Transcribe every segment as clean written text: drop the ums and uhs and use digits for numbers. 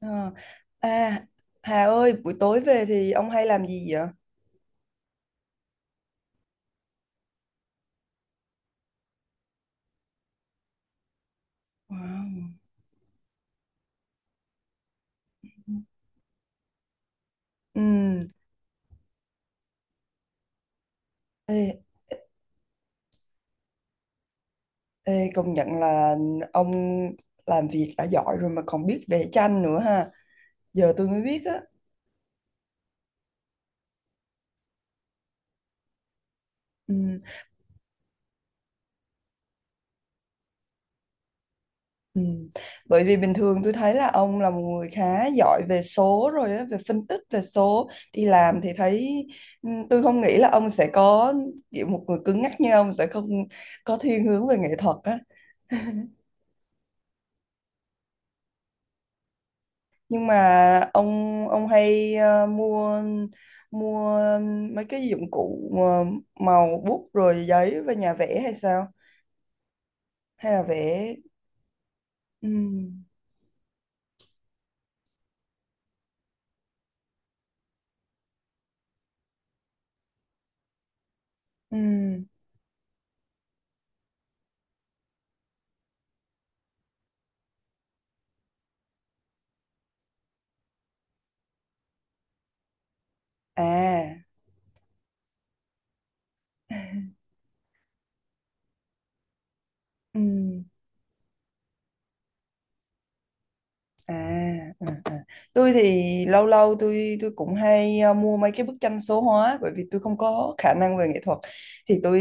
Ờ. À, Hà ơi, buổi tối về thì ông hay làm gì vậy? Wow. Ừ. Ê, ê, công nhận là ông làm việc đã giỏi rồi mà còn biết vẽ tranh nữa ha. Giờ tôi mới biết á. Ừ. Ừ. Bởi vì bình thường tôi thấy là ông là một người khá giỏi về số rồi á, về phân tích về số. Đi làm thì thấy tôi không nghĩ là ông sẽ có kiểu một người cứng nhắc như ông sẽ không có thiên hướng về nghệ thuật á. Nhưng mà ông ông hay mua mua mấy cái dụng cụ màu bút rồi giấy và nhà vẽ hay sao, hay là vẽ? Ừ. Ừ. À. Ừ. À, à, à. Tôi thì lâu lâu tôi cũng hay mua mấy cái bức tranh số hóa, bởi vì tôi không có khả năng về nghệ thuật thì tôi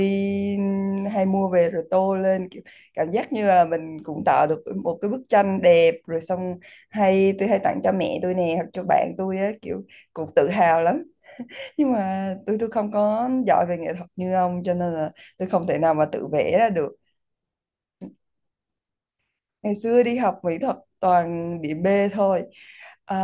hay mua về rồi tô lên, kiểu cảm giác như là mình cũng tạo được một cái bức tranh đẹp rồi xong hay tôi hay tặng cho mẹ tôi nè hoặc cho bạn tôi á, kiểu cũng tự hào lắm. Nhưng mà tôi không có giỏi về nghệ thuật như ông cho nên là tôi không thể nào mà tự vẽ ra được. Ngày xưa đi học mỹ thuật toàn điểm B thôi. À,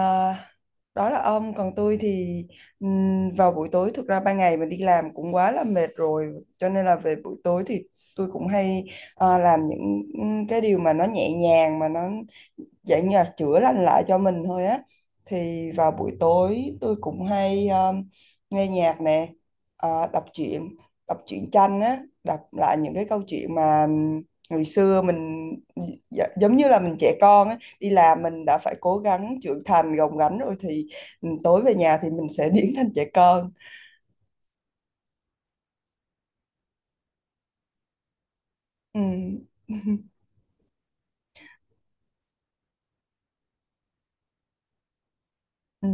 đó là ông, còn tôi thì vào buổi tối, thực ra ban ngày mình đi làm cũng quá là mệt rồi cho nên là về buổi tối thì tôi cũng hay làm những cái điều mà nó nhẹ nhàng, mà nó dạng như là chữa lành lại cho mình thôi á. Thì vào buổi tối tôi cũng hay nghe nhạc nè, ờ, đọc truyện đọc truyện tranh á, đọc lại những cái câu chuyện mà ngày xưa mình giống như là mình trẻ con á, đi làm mình đã phải cố gắng trưởng thành gồng gánh rồi thì tối về nhà thì mình sẽ biến thành trẻ con. Ừ. Ừ.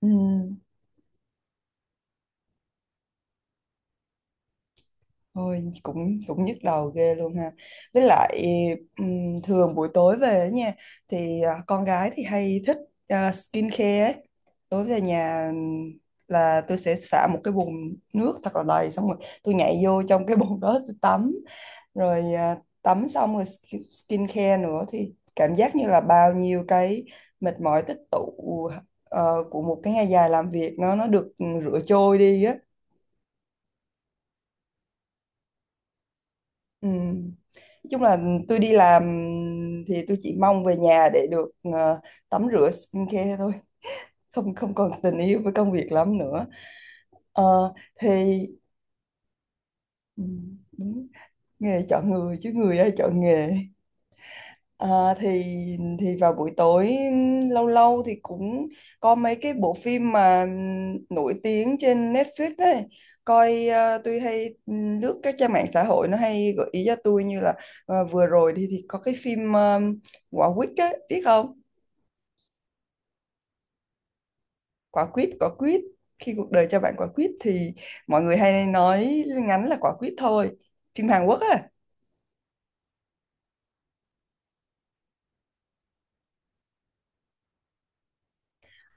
Ừ. Thôi, cũng cũng nhức đầu ghê luôn ha. Với lại thường buổi tối về ấy nha, thì con gái thì hay thích skincare ấy. Tối về nhà là tôi sẽ xả một cái bồn nước thật là đầy xong rồi tôi nhảy vô trong cái bồn đó tôi tắm rồi, tắm xong rồi skincare nữa thì cảm giác như là bao nhiêu cái mệt mỏi tích tụ của một cái ngày dài làm việc nó được rửa trôi đi á. Ừ. Nói chung là tôi đi làm thì tôi chỉ mong về nhà để được tắm rửa skincare thôi, không không còn tình yêu với công việc lắm nữa. Ờ, thì ừ, đúng, nghề chọn người chứ người ai chọn nghề. À, thì vào buổi tối lâu lâu thì cũng có mấy cái bộ phim mà nổi tiếng trên Netflix ấy, coi tôi hay lướt các trang mạng xã hội nó hay gợi ý cho tôi, như là vừa rồi thì có cái phim Quả quýt ấy, biết không? Quả quýt, khi cuộc đời cho bạn quả quýt thì mọi người hay nói ngắn là Quả quýt thôi, phim Hàn Quốc á.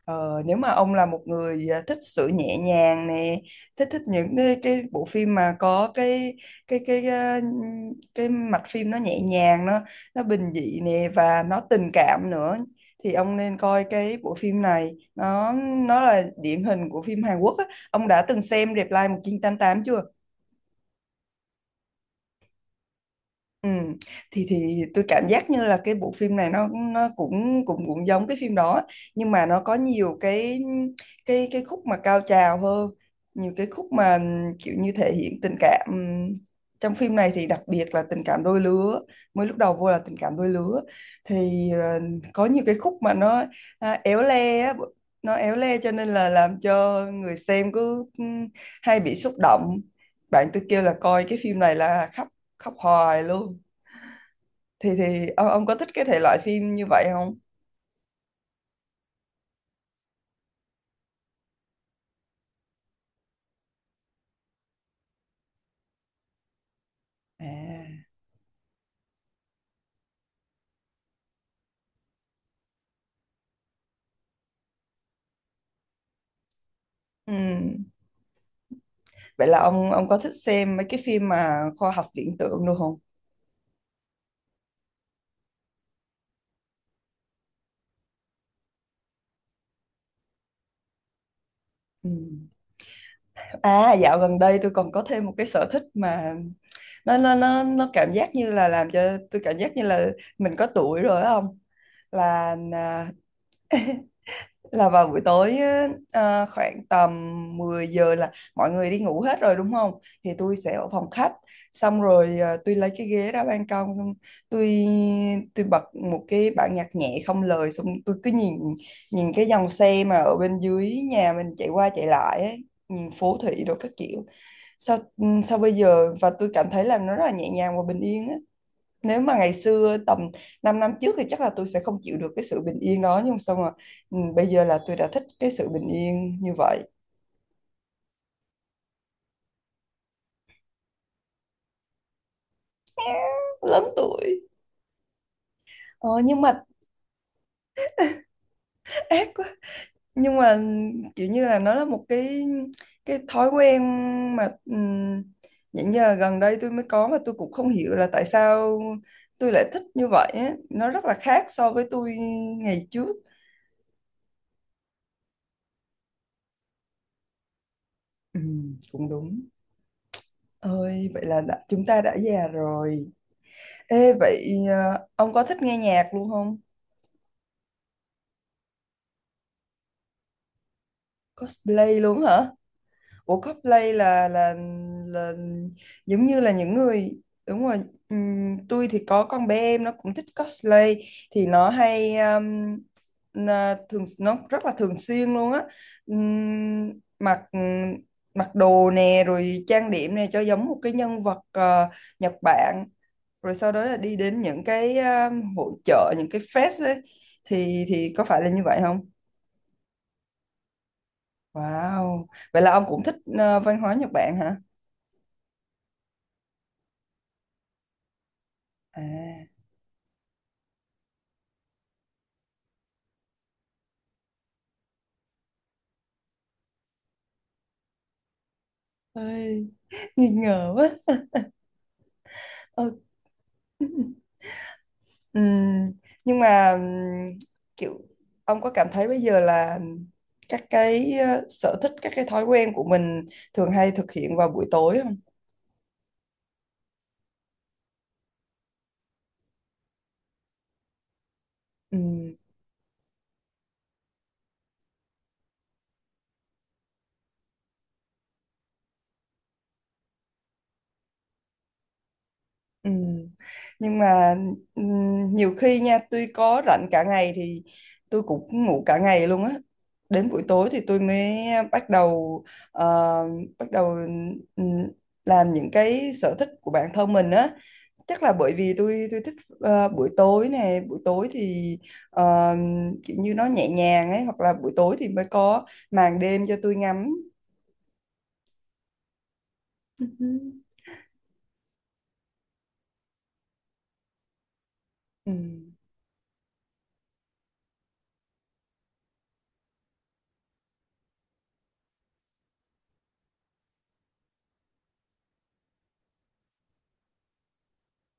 Ờ, nếu mà ông là một người thích sự nhẹ nhàng nè, thích thích những cái bộ phim mà có cái cái à, cái mạch phim nó nhẹ nhàng, nó bình dị nè và nó tình cảm nữa thì ông nên coi cái bộ phim này, nó là điển hình của phim Hàn Quốc á. Ông đã từng xem Reply 1988 chưa? Ừ. Thì tôi cảm giác như là cái bộ phim này nó cũng cũng cũng giống cái phim đó, nhưng mà nó có nhiều cái khúc mà cao trào hơn, nhiều cái khúc mà kiểu như thể hiện tình cảm. Trong phim này thì đặc biệt là tình cảm đôi lứa, mới lúc đầu vô là tình cảm đôi lứa thì có nhiều cái khúc mà nó éo le á, nó éo le cho nên là làm cho người xem cứ hay bị xúc động, bạn tôi kêu là coi cái phim này là khóc, khóc hoài luôn. Thì ông có thích cái thể loại phim như vậy không? À. Ừ. Vậy là ông có thích xem mấy cái phim mà khoa học viễn tưởng luôn không? Ừ. À, dạo gần đây tôi còn có thêm một cái sở thích mà nó cảm giác như là làm cho tôi cảm giác như là mình có tuổi rồi á ông. Là à, là vào buổi tối á, khoảng tầm 10 giờ là mọi người đi ngủ hết rồi đúng không? Thì tôi sẽ ở phòng khách xong rồi, tôi lấy cái ghế ra ban công xong tôi tôi bật một cái bản nhạc nhẹ không lời xong tôi cứ nhìn, nhìn cái dòng xe mà ở bên dưới nhà mình chạy qua chạy lại ấy, nhìn phố thị đồ các kiểu. Sao bây giờ và tôi cảm thấy là nó rất là nhẹ nhàng và bình yên á, nếu mà ngày xưa tầm 5 năm trước thì chắc là tôi sẽ không chịu được cái sự bình yên đó, nhưng mà xong rồi bây giờ là tôi đã thích cái sự bình yên như vậy. Lớn tuổi. Ờ, nhưng mà ác quá. Nhưng mà kiểu như là nó là một cái thói quen mà những giờ gần đây tôi mới có, mà tôi cũng không hiểu là tại sao tôi lại thích như vậy á. Nó rất là khác so với tôi ngày trước. Cũng đúng. Ơi, vậy là chúng ta đã già rồi. Ê, vậy ông có thích nghe nhạc luôn không? Cosplay luôn hả? Ủa cosplay là là giống như là những người đúng rồi. Tôi thì có con bé em nó cũng thích cosplay, thì nó hay nó thường nó rất là thường xuyên luôn á. Ừm, mặc mặc đồ nè rồi trang điểm nè cho giống một cái nhân vật Nhật Bản, rồi sau đó là đi đến những cái hội chợ, những cái fest ấy, thì có phải là như vậy không? Wow, vậy là ông cũng thích văn hóa Nhật Bản hả? À, ơi, nghi ngờ quá. Ờ, ừm, nhưng mà kiểu ông có cảm thấy bây giờ là các cái sở thích, các cái thói quen của mình thường hay thực hiện vào buổi tối không? Ừ. Nhưng mà ừ, nhiều khi nha tôi có rảnh cả ngày thì tôi cũng ngủ cả ngày luôn á, đến buổi tối thì tôi mới bắt đầu ờ, bắt đầu ừ, làm những cái sở thích của bản thân mình á, chắc là bởi vì tôi thích buổi tối thì ờ, kiểu như nó nhẹ nhàng ấy, hoặc là buổi tối thì mới có màn đêm cho tôi ngắm. Ừ. Ừ.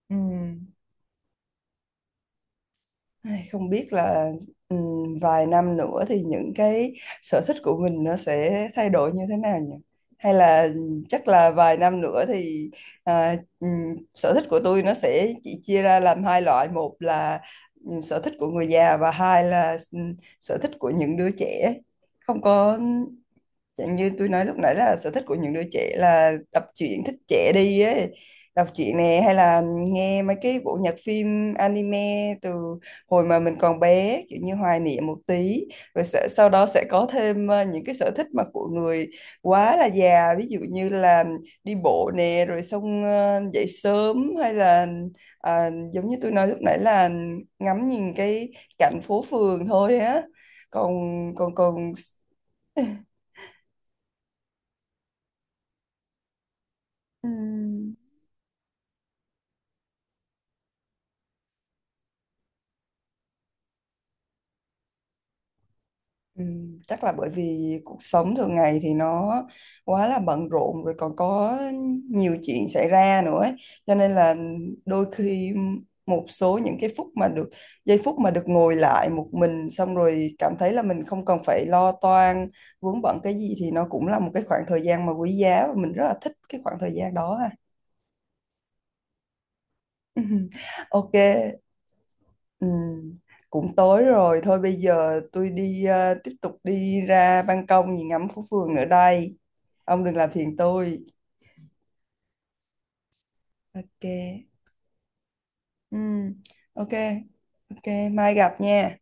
Ừ. Ai, không biết là vài năm nữa thì những cái sở thích của mình nó sẽ thay đổi như thế nào nhỉ? Hay là chắc là vài năm nữa thì sở thích của tôi nó sẽ chỉ chia ra làm hai loại. Một là sở thích của người già và hai là sở thích của những đứa trẻ. Không có Chẳng như tôi nói lúc nãy là sở thích của những đứa trẻ là đọc truyện thích trẻ đi ấy, đọc truyện nè hay là nghe mấy cái bộ nhạc phim anime từ hồi mà mình còn bé, kiểu như hoài niệm một tí, sau đó sẽ có thêm những cái sở thích mà của người quá là già, ví dụ như là đi bộ nè rồi xong dậy sớm, hay là giống như tôi nói lúc nãy là ngắm nhìn cái cảnh phố phường thôi á. Còn còn còn ừm, Ừ, chắc là bởi vì cuộc sống thường ngày thì nó quá là bận rộn rồi còn có nhiều chuyện xảy ra nữa ấy. Cho nên là đôi khi một số những cái phút mà được giây phút mà được ngồi lại một mình xong rồi cảm thấy là mình không cần phải lo toan vướng bận cái gì thì nó cũng là một cái khoảng thời gian mà quý giá, và mình rất là thích cái khoảng thời gian đó ha. Ok. Ừ, cũng tối rồi thôi, bây giờ tôi đi tiếp tục đi ra ban công nhìn ngắm phố phường nữa đây, ông đừng làm phiền tôi. Ok. Ừ, ok. Ok, mai gặp nha.